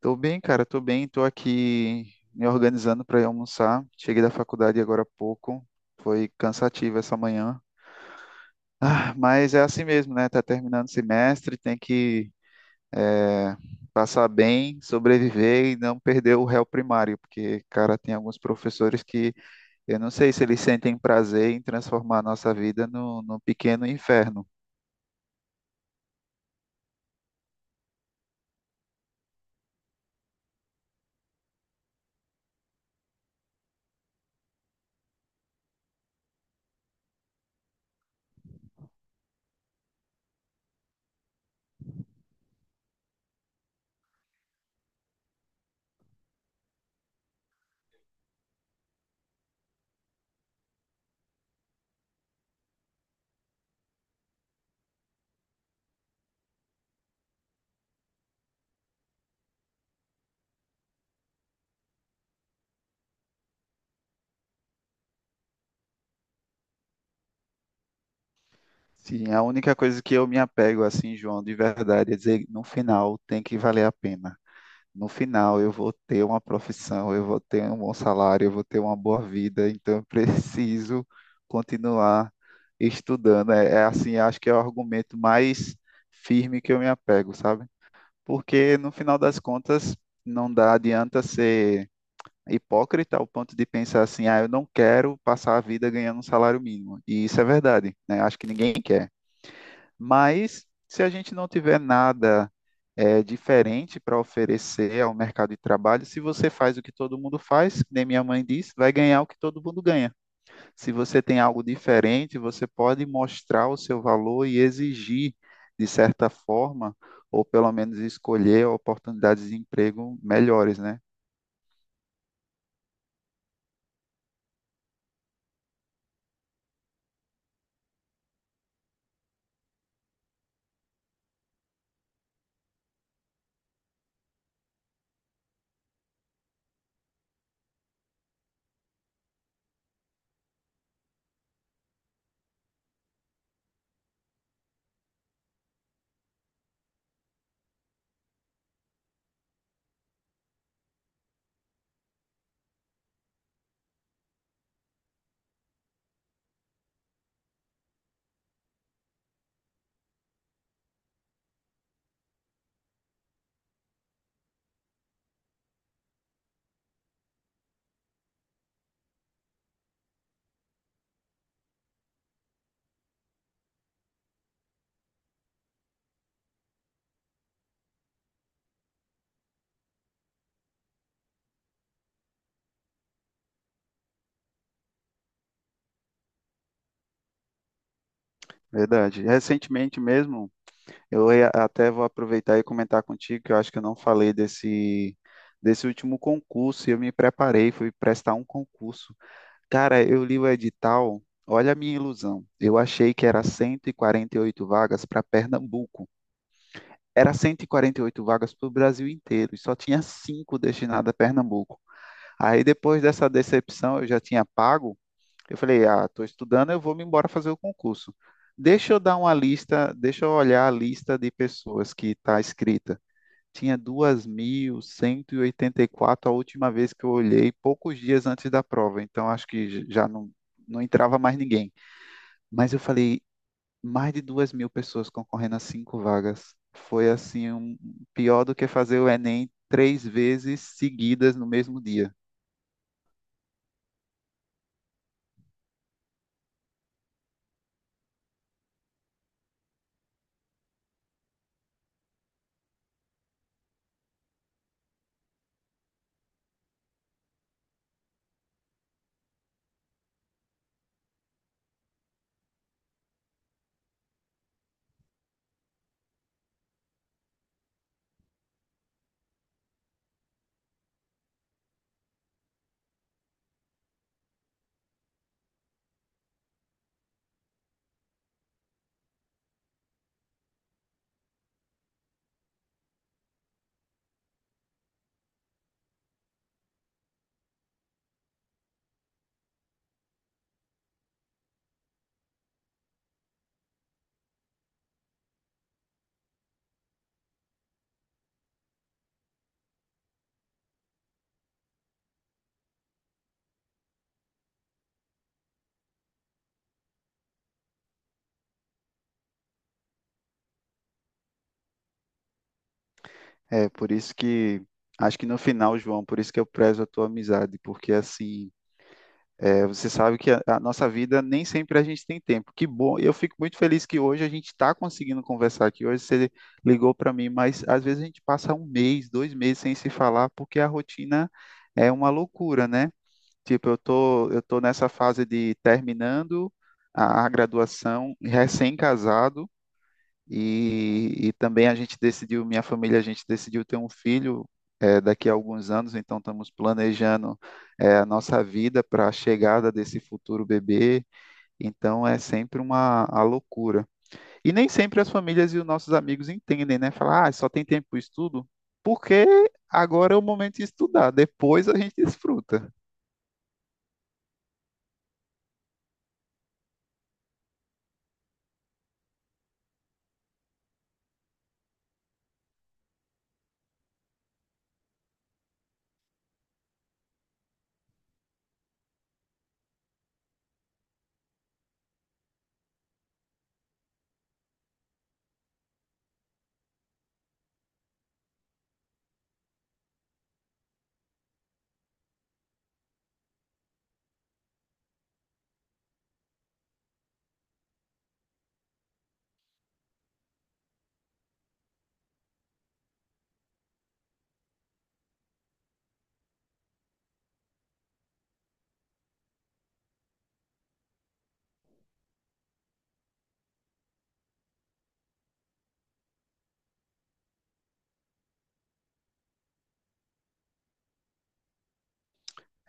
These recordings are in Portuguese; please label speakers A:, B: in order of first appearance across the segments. A: Tô bem, cara, tô bem, tô aqui me organizando para ir almoçar. Cheguei da faculdade agora há pouco. Foi cansativo essa manhã. Ah, mas é assim mesmo, né? Tá terminando o semestre, tem que eh, passar bem, sobreviver e não perder o réu primário, porque, cara, tem alguns professores que eu não sei se eles sentem prazer em transformar a nossa vida no, num pequeno inferno. Sim, a única coisa que eu me apego assim, João, de verdade, é dizer, no final tem que valer a pena. No final eu vou ter uma profissão, eu vou ter um bom salário, eu vou ter uma boa vida, então eu preciso continuar estudando. É, é assim, acho que é o argumento mais firme que eu me apego, sabe? Porque no final das contas não dá adianta ser hipócrita ao ponto de pensar assim, ah, eu não quero passar a vida ganhando um salário mínimo. E isso é verdade, né? Acho que ninguém quer. Mas se a gente não tiver nada diferente para oferecer ao mercado de trabalho, se você faz o que todo mundo faz, que nem minha mãe disse, vai ganhar o que todo mundo ganha. Se você tem algo diferente, você pode mostrar o seu valor e exigir, de certa forma, ou pelo menos escolher oportunidades de emprego melhores, né? Verdade. Recentemente mesmo, até vou aproveitar e comentar contigo que eu acho que eu não falei desse último concurso. E eu me preparei, fui prestar um concurso. Cara, eu li o edital, olha a minha ilusão. Eu achei que era cento e quarenta e oito vagas para Pernambuco. Era cento e quarenta e oito vagas para o Brasil inteiro e só tinha cinco destinadas a Pernambuco. Aí depois dessa decepção, eu já tinha pago, eu falei, ah, estou estudando, eu vou me embora fazer o concurso. Deixa eu dar uma lista, deixa eu olhar a lista de pessoas que está escrita. Tinha duas mil cento e oitenta e quatro a última vez que eu olhei, poucos dias antes da prova, então acho que já não entrava mais ninguém. Mas eu falei, mais de 2 mil pessoas concorrendo a cinco vagas. Foi assim, pior do que fazer o Enem três vezes seguidas no mesmo dia. É, por isso que acho que no final, João, por isso que eu prezo a tua amizade, porque assim, você sabe que a nossa vida nem sempre a gente tem tempo. Que bom, eu fico muito feliz que hoje a gente está conseguindo conversar aqui. Hoje você ligou para mim, mas às vezes a gente passa um mês, dois meses sem se falar, porque a rotina é uma loucura, né? Tipo, eu tô nessa fase de terminando a graduação, recém-casado. E também a gente decidiu, minha família, a gente decidiu ter um filho daqui a alguns anos, então estamos planejando a nossa vida para a chegada desse futuro bebê. Então é sempre uma a loucura. E nem sempre as famílias e os nossos amigos entendem, né? Falar, ah, só tem tempo para estudo, porque agora é o momento de estudar, depois a gente desfruta.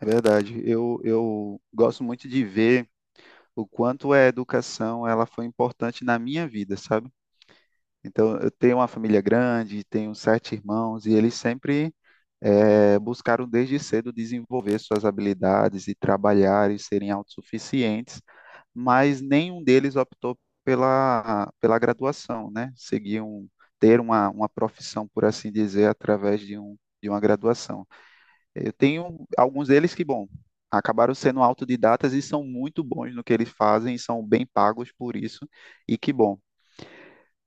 A: É verdade. Eu gosto muito de ver o quanto a educação ela foi importante na minha vida, sabe? Então, eu tenho uma família grande, tenho sete irmãos, e eles sempre buscaram desde cedo desenvolver suas habilidades e trabalhar e serem autossuficientes, mas nenhum deles optou pela graduação, né? Seguiam ter uma profissão, por assim dizer, através de uma graduação. Eu tenho alguns deles que, bom, acabaram sendo autodidatas e são muito bons no que eles fazem, são bem pagos por isso, e que bom,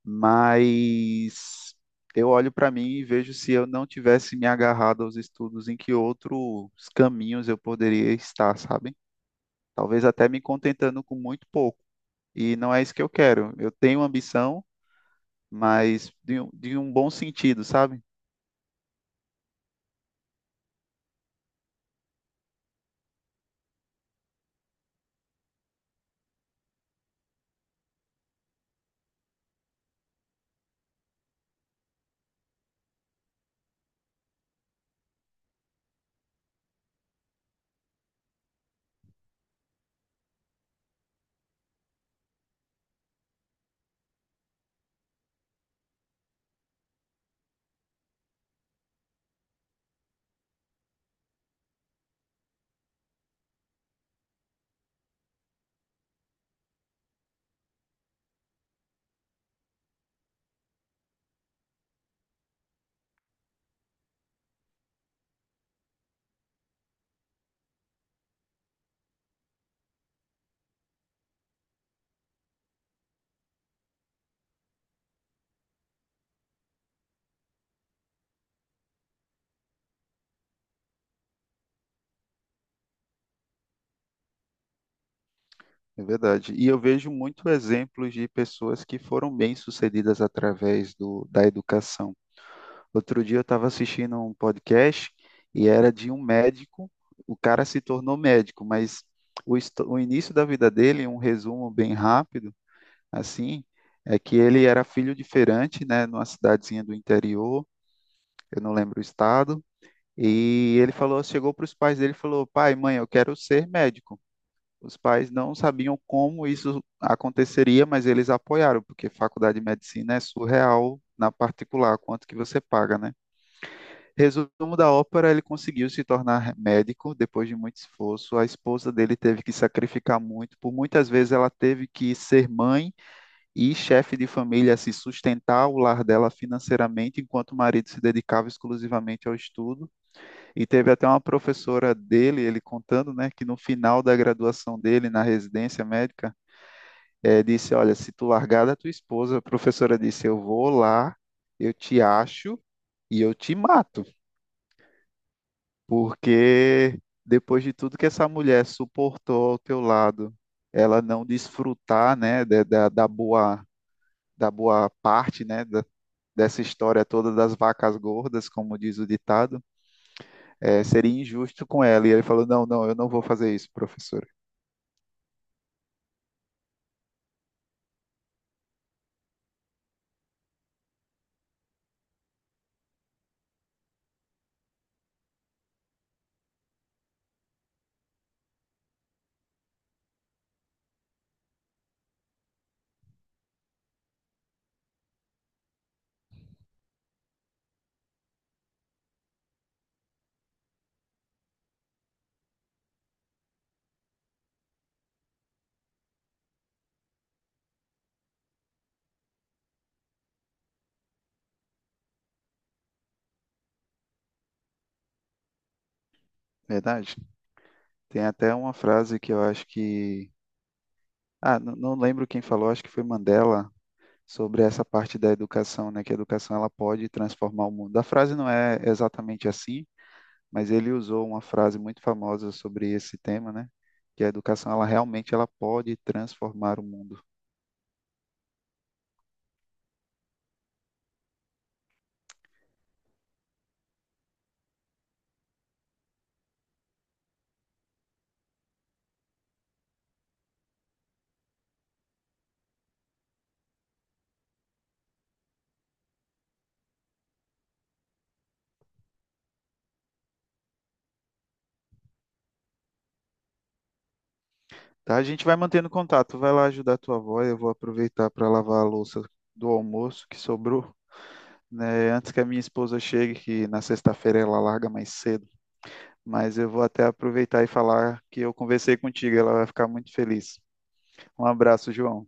A: mas eu olho para mim e vejo se eu não tivesse me agarrado aos estudos, em que outros caminhos eu poderia estar, sabe? Talvez até me contentando com muito pouco. E não é isso que eu quero. Eu tenho ambição, mas de um bom sentido, sabe? É verdade. E eu vejo muito exemplos de pessoas que foram bem-sucedidas através da educação. Outro dia eu estava assistindo um podcast e era de um médico. O cara se tornou médico, mas o início da vida dele, um resumo bem rápido, assim, é que ele era filho de feirante, né, numa cidadezinha do interior, eu não lembro o estado, e ele falou, chegou para os pais dele e falou: "Pai, mãe, eu quero ser médico". Os pais não sabiam como isso aconteceria, mas eles apoiaram, porque faculdade de medicina é surreal na particular, quanto que você paga, né? Resumo da ópera, ele conseguiu se tornar médico depois de muito esforço. A esposa dele teve que sacrificar muito, por muitas vezes ela teve que ser mãe e chefe de família, se sustentar o lar dela financeiramente, enquanto o marido se dedicava exclusivamente ao estudo. E teve até uma professora dele, ele contando, né, que no final da graduação dele na residência médica, disse: Olha, se tu largar da tua esposa, a professora disse: Eu vou lá, eu te acho e eu te mato. Porque depois de tudo que essa mulher suportou ao teu lado, ela não desfrutar, né, da boa parte, né, dessa história toda das vacas gordas, como diz o ditado, seria injusto com ela. E ele falou: Não, não, eu não vou fazer isso, professora. Verdade. Tem até uma frase que eu acho que. Ah, não lembro quem falou, acho que foi Mandela, sobre essa parte da educação, né? Que a educação ela pode transformar o mundo. A frase não é exatamente assim, mas ele usou uma frase muito famosa sobre esse tema, né? Que a educação ela realmente ela pode transformar o mundo. Tá? A gente vai mantendo contato. Vai lá ajudar a tua avó, eu vou aproveitar para lavar a louça do almoço que sobrou, né? Antes que a minha esposa chegue, que na sexta-feira ela larga mais cedo. Mas eu vou até aproveitar e falar que eu conversei contigo, ela vai ficar muito feliz. Um abraço, João.